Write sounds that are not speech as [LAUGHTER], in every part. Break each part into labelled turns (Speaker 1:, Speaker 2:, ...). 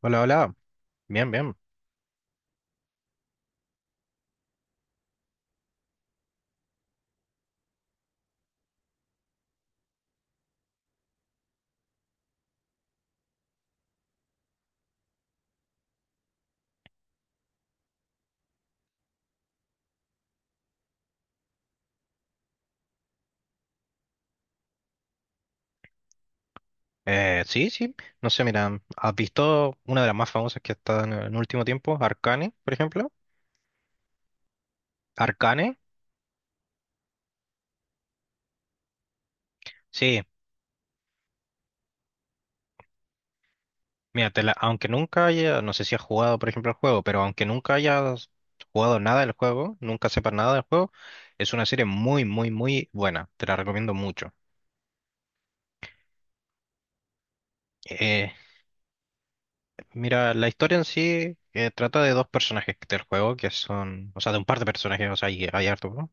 Speaker 1: Hola, hola. Bien, bien. Sí, sí. No sé, mira, ¿has visto una de las más famosas que está en el último tiempo? Arcane, por ejemplo. Arcane, sí. Mira, aunque nunca haya, no sé si has jugado, por ejemplo, el juego, pero aunque nunca hayas jugado nada del juego, nunca sepas nada del juego, es una serie muy, muy, muy buena. Te la recomiendo mucho. Eh, Mira, la historia en sí trata de dos personajes del juego, que son, o sea, de un par de personajes, o sea, hay harto, ¿no?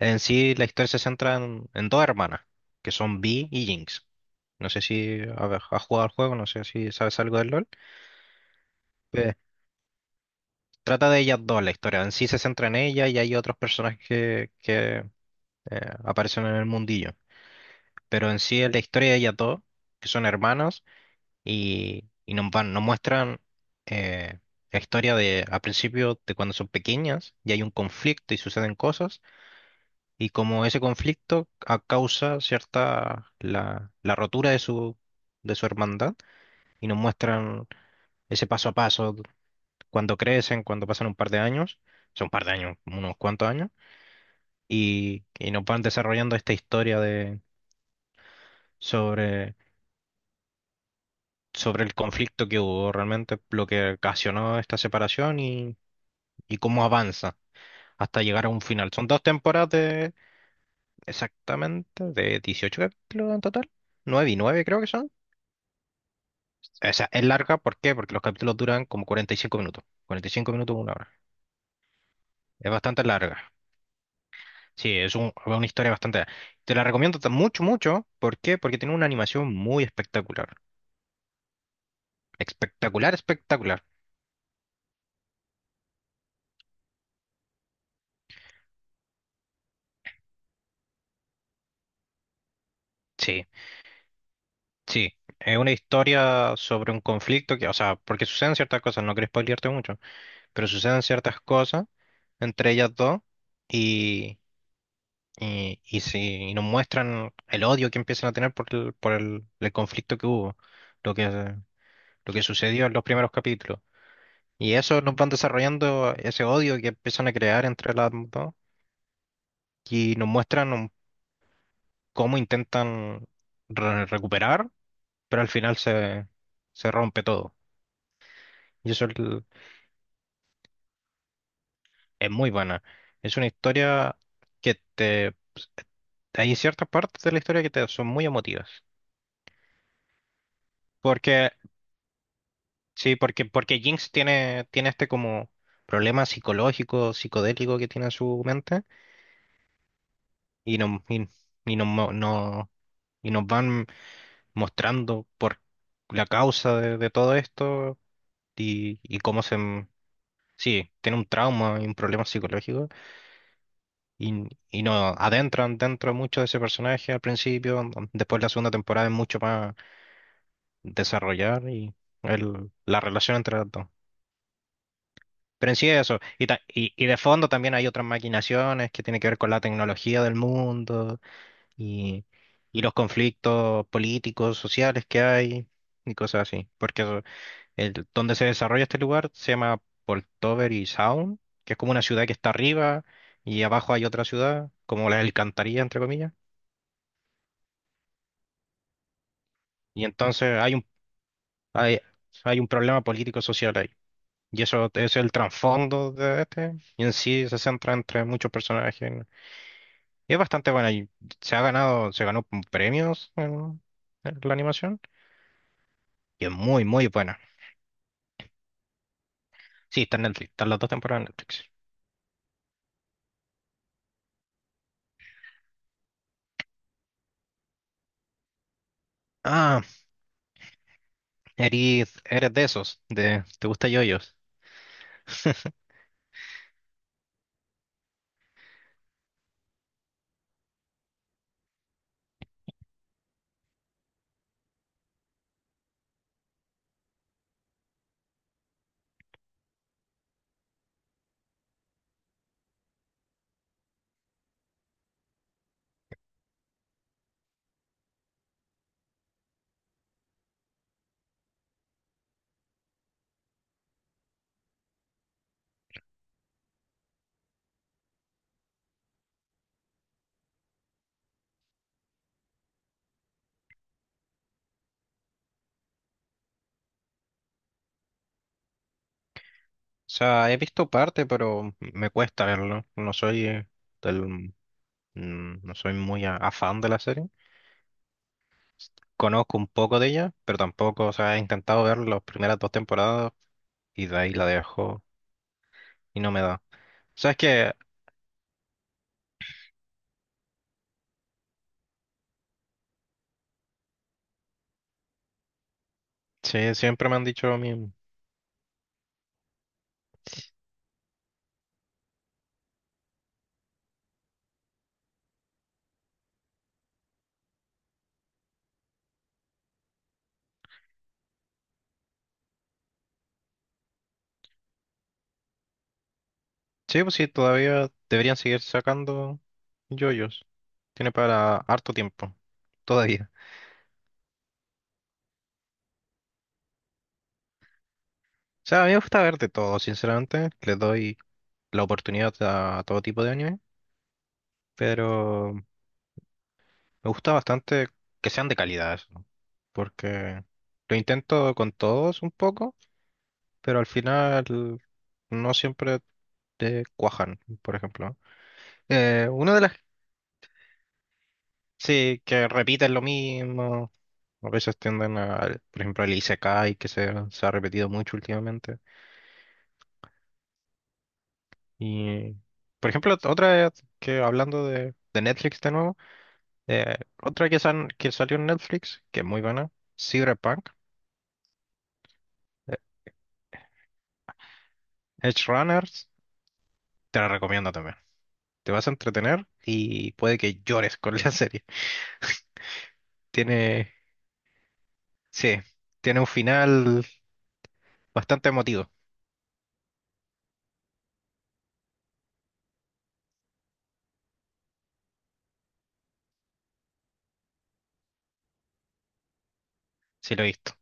Speaker 1: En sí, la historia se centra en dos hermanas, que son Vi y Jinx. No sé si a ver, has jugado al juego, no sé si sabes algo del LoL. Eh, Trata de ellas dos la historia. En sí se centra en ella y hay otros personajes que aparecen en el mundillo. Pero en sí es la historia de ellas dos, que son hermanas, y, nos muestran eh, la historia de, a principio de cuando son pequeñas y hay un conflicto y suceden cosas y como ese conflicto causa cierta la rotura de su hermandad y nos muestran ese paso a paso cuando crecen, cuando pasan un par de años, son un par de años, unos cuantos años, y nos van desarrollando esta historia sobre, sobre el conflicto que hubo realmente, lo que ocasionó esta separación y cómo avanza hasta llegar a un final. Son dos temporadas de exactamente de 18 capítulos en total. 9 y 9 creo que son. O sea, es larga, ¿por qué? Porque los capítulos duran como 45 minutos, 45 minutos, una hora. Es bastante larga. Sí, es una historia bastante larga. Te la recomiendo mucho, mucho. ¿Por qué? Porque tiene una animación muy espectacular. Espectacular, espectacular. Sí, sí. Es una historia sobre un conflicto que, o sea, porque suceden ciertas cosas, no quiero spoilearte mucho, pero suceden ciertas cosas entre ellas dos y, sí, y nos muestran el odio que empiezan a tener por el conflicto que hubo lo que lo que sucedió en los primeros capítulos. Y eso nos van desarrollando ese odio que empiezan a crear entre las dos y nos muestran cómo intentan recuperar, pero al final se rompe todo. Y eso es, es muy buena. Es una historia que te, pues, hay ciertas partes de la historia que te son muy emotivas. Porque, sí. Porque Jinx tiene este como problema psicológico, psicodélico que tiene en su mente y no, y, y no, no, no, y nos van mostrando por la causa de todo esto y cómo se. Sí, tiene un trauma y un problema psicológico y, y nos adentran dentro mucho de ese personaje al principio, después la segunda temporada es mucho más desarrollar y la relación entre los dos. Pero en sí eso, y de fondo también hay otras maquinaciones que tienen que ver con la tecnología del mundo y, y los conflictos políticos, sociales que hay y cosas así, porque eso. El, donde se desarrolla este lugar se llama Poltover Sound, que es como una ciudad que está arriba y abajo hay otra ciudad, como la alcantarilla, entre comillas. Y entonces hay, hay un problema político-social ahí. Y eso es el trasfondo de este. Y en sí se centra entre muchos personajes. Y es bastante bueno. Y se ganó premios en la animación. Y es muy, muy buena. Sí, está en Netflix. Están las dos temporadas en Netflix. Ah, eres de esos. De, ¿te gusta yoyos? O sea, he visto parte, pero me cuesta verlo. No soy del, no soy muy afán de la serie. Conozco un poco de ella, pero tampoco, o sea, he intentado ver las primeras dos temporadas y de ahí la dejo y no me da. ¿Sabes qué? Sí, siempre me han dicho a mí, sí, pues sí, todavía deberían seguir sacando yoyos. Tiene para harto tiempo, todavía. O sea, a mí me gusta ver de todo, sinceramente. Le doy la oportunidad a todo tipo de anime, pero. Me gusta bastante que sean de calidad eso, ¿no? Porque lo intento con todos un poco, pero al final no siempre te cuajan, por ejemplo. Una de las sí, que repiten lo mismo, a veces tienden a, por ejemplo, el Isekai que se ha repetido mucho últimamente. Y, por ejemplo, otra que hablando de Netflix de nuevo, eh, otra que salió en Netflix, que es muy buena, Cyberpunk, eh, Edge Runners. Te la recomiendo también. Te vas a entretener y puede que llores con la [LAUGHS] serie. Tiene, sí, tiene un final bastante emotivo, si lo he visto.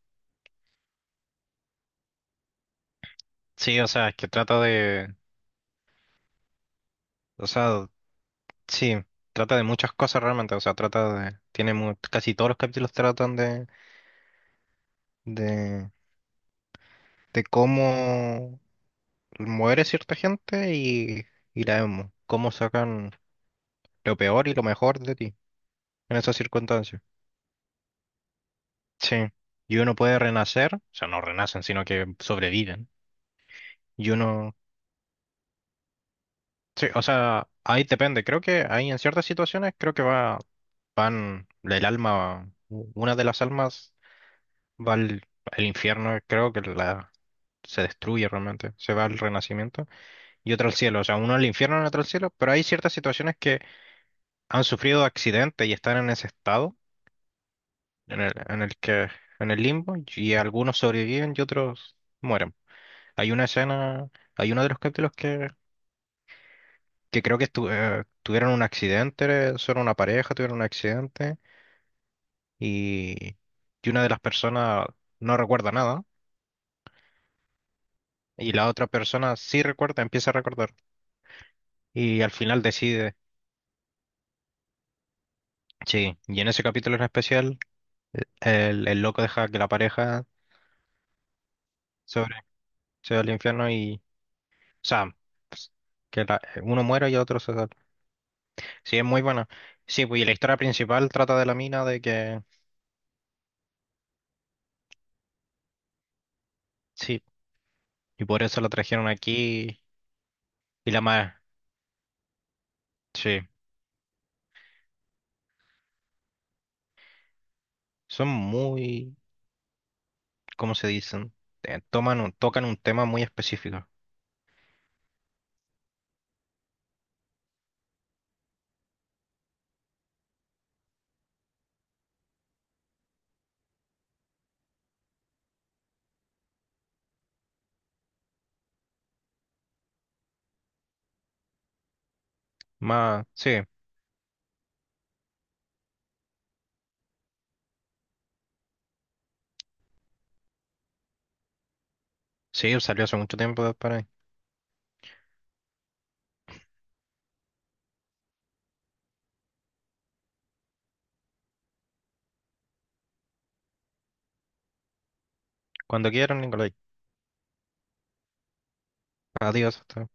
Speaker 1: Sí, o sea, es que trata de, o sea, sí, trata de muchas cosas realmente, o sea, trata de, casi todos los capítulos tratan de, de cómo muere cierta gente y cómo sacan lo peor y lo mejor de ti en esas circunstancias. Sí, y uno puede renacer, o sea, no renacen, sino que sobreviven. Y uno, sí, o sea, ahí depende. Creo que ahí en ciertas situaciones creo que van el alma, una de las almas va al infierno, creo que la se destruye realmente, se va al renacimiento y otra al cielo, o sea, uno al infierno y otro al cielo, pero hay ciertas situaciones que han sufrido accidentes y están en ese estado en el que en el limbo y algunos sobreviven y otros mueren. Hay una escena, hay uno de los capítulos que creo que tuvieron un accidente, son una pareja, tuvieron un accidente y, una de las personas no recuerda nada y la otra persona sí recuerda, empieza a recordar y al final decide, sí, y en ese capítulo en especial el loco deja que la pareja sobre, se va al infierno y, o sea, pues, uno muera y el otro se salva. Sí, es muy buena. Sí, pues y la historia principal trata de la mina de que. Sí, y por eso la trajeron aquí. Y la más, sí, son muy, ¿cómo se dicen? Tocan un tema muy específico. Más, sí, sí, salió hace mucho tiempo de por ahí. Cuando quieran, Nicolai. Adiós. Hasta